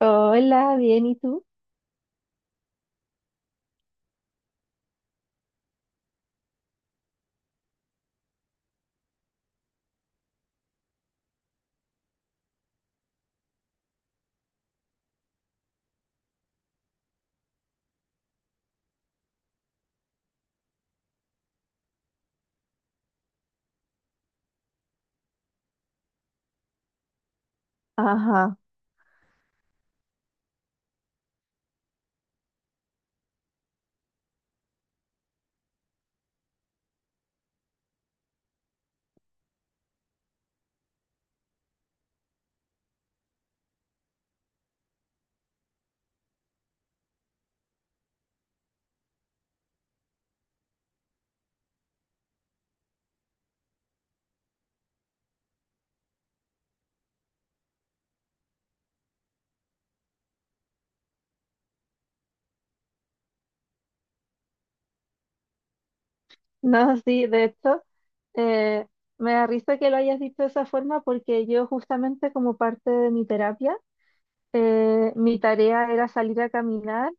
Hola, bien, ¿y tú? Ajá. No, sí, de hecho, eh, me da risa que lo hayas dicho de esa forma porque yo justamente, como parte de mi terapia, mi tarea era salir a caminar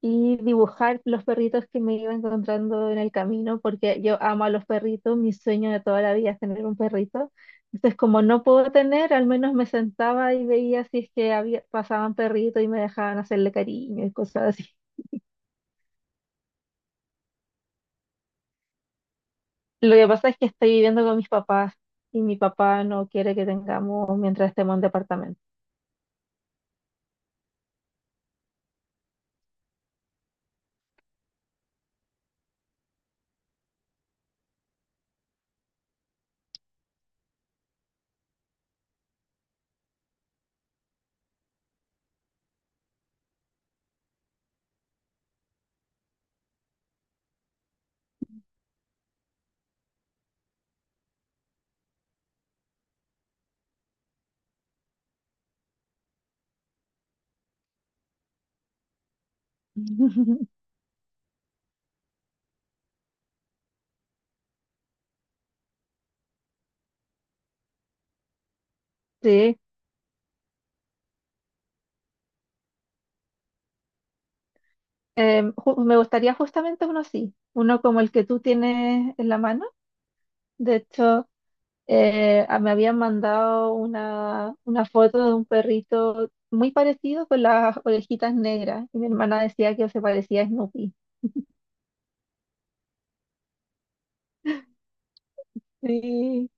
y dibujar los perritos que me iba encontrando en el camino, porque yo amo a los perritos. Mi sueño de toda la vida es tener un perrito. Entonces, como no puedo tener, al menos me sentaba y veía si es que había, pasaban perritos y me dejaban hacerle cariño y cosas así. Lo que pasa es que estoy viviendo con mis papás y mi papá no quiere que tengamos mientras estemos en departamento. Sí, me gustaría justamente uno así, uno como el que tú tienes en la mano. De hecho, me habían mandado una foto de un perrito muy parecido con las orejitas negras y mi hermana decía que se parecía a Snoopy. Sí.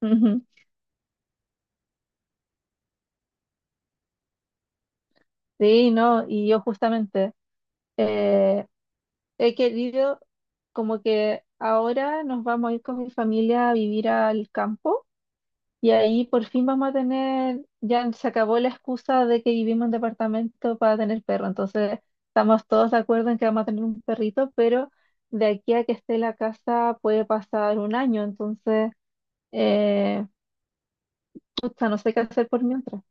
Ujú. Sí, no, y yo justamente, eh, he querido, como que ahora nos vamos a ir con mi familia a vivir al campo y ahí por fin vamos a tener. Ya se acabó la excusa de que vivimos en departamento para tener perro, entonces estamos todos de acuerdo en que vamos a tener un perrito, pero de aquí a que esté la casa puede pasar un año. Entonces, eh, pucha, no sé qué hacer por mientras.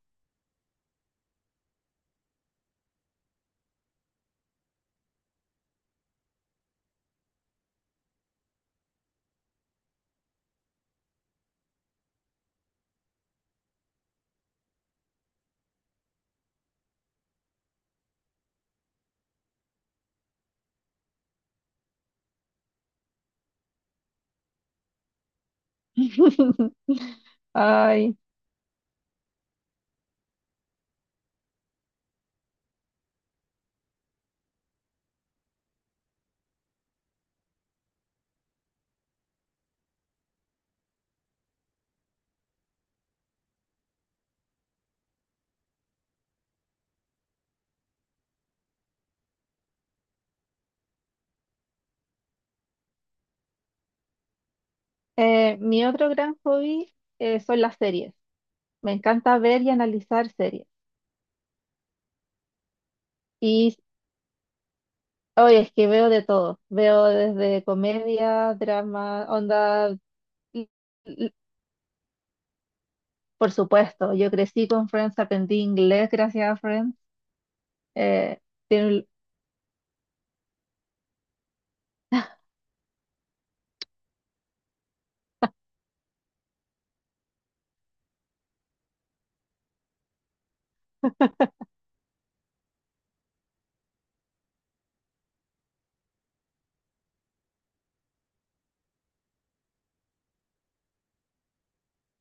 Ay, mi otro gran hobby, son las series. Me encanta ver y analizar series. Y hoy es que veo de todo. Veo desde comedia, drama, onda. l- l- Por supuesto, yo crecí con Friends, aprendí inglés gracias a Friends. Eh, tiene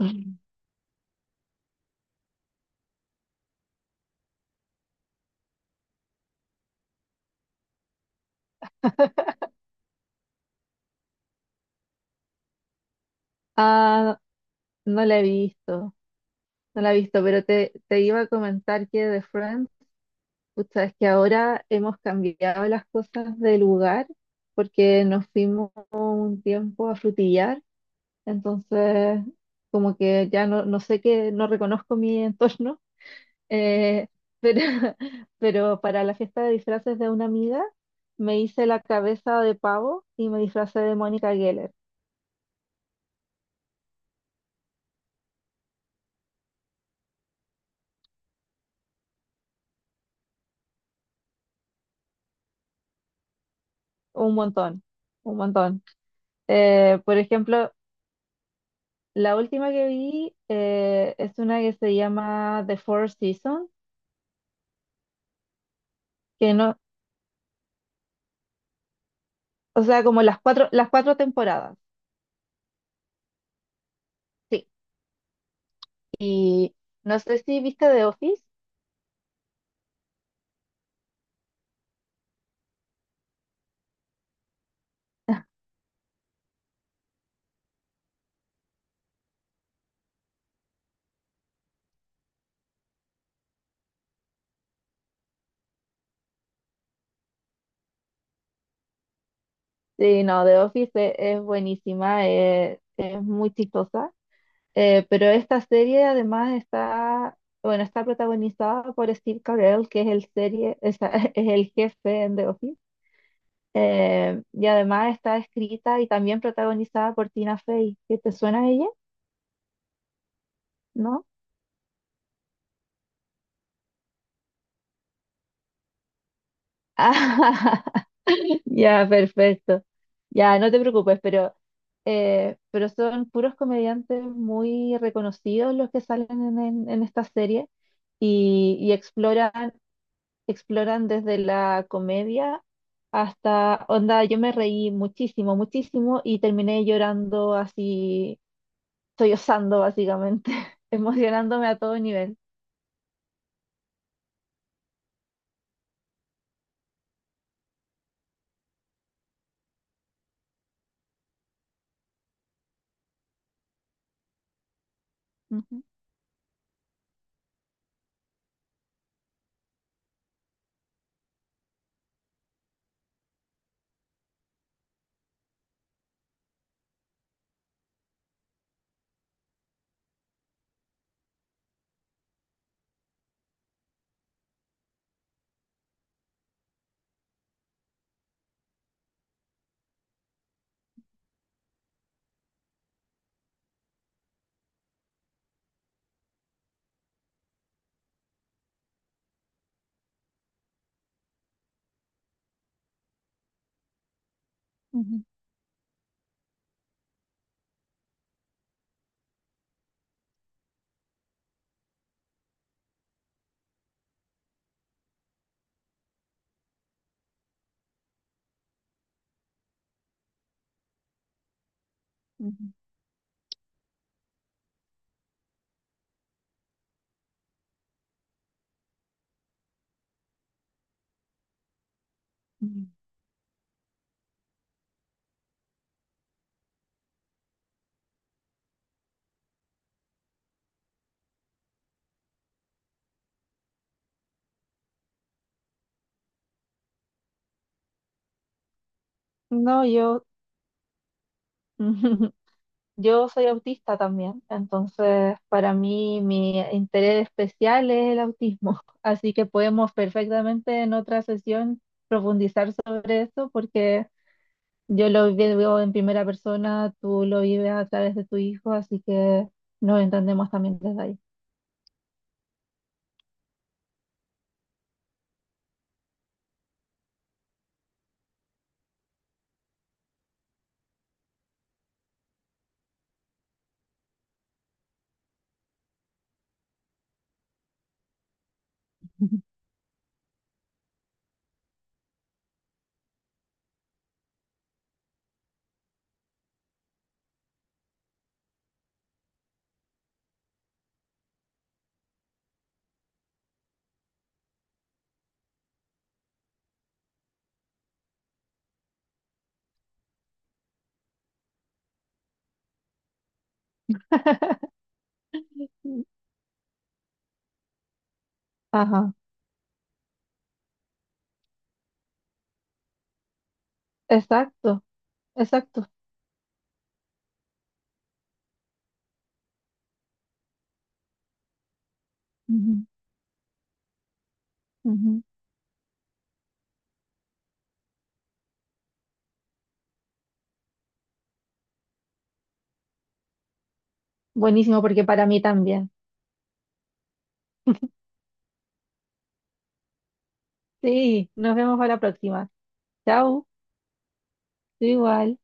un- Ah, no la he visto, no la he visto, pero te iba a comentar que de Friends, pucha, es que ahora hemos cambiado las cosas de lugar porque nos fuimos un tiempo a Frutillar. Entonces, como que ya no, no sé qué, no reconozco mi entorno, eh, pero pero para la fiesta de disfraces de una amiga me hice la cabeza de pavo y me disfracé de Mónica Geller. Un montón, un montón. Por ejemplo, la última que vi, es una que se llama The Four Seasons, que no, o sea, como las cuatro temporadas. Sí. Y no sé si viste The Office. Sí, no, The Office es buenísima, es muy chistosa, pero esta serie además está, bueno, está protagonizada por Steve Carell, que es el serie, es, es el jefe en The Office, y además está escrita y también protagonizada por Tina Fey, ¿que te suena a ella? ¿No? Ya, perfecto. Ya, no te preocupes, pero son puros comediantes muy reconocidos los que salen en, en esta serie y exploran, exploran desde la comedia hasta, onda, yo me reí muchísimo, muchísimo y terminé llorando así, sollozando básicamente, emocionándome a todo nivel. Ujú, ujú, ujú, ujú. No, yo... Yo soy autista también, entonces para mí mi interés especial es el autismo, así que podemos perfectamente en otra sesión profundizar sobre eso porque yo lo vivo en primera persona, tú lo vives a través de tu hijo, así que nos entendemos también desde ahí. Ajá, exacto, exacto. Ujú, ujú. Buenísimo porque para mí también. Sí, nos vemos para la próxima. Chao, tú igual.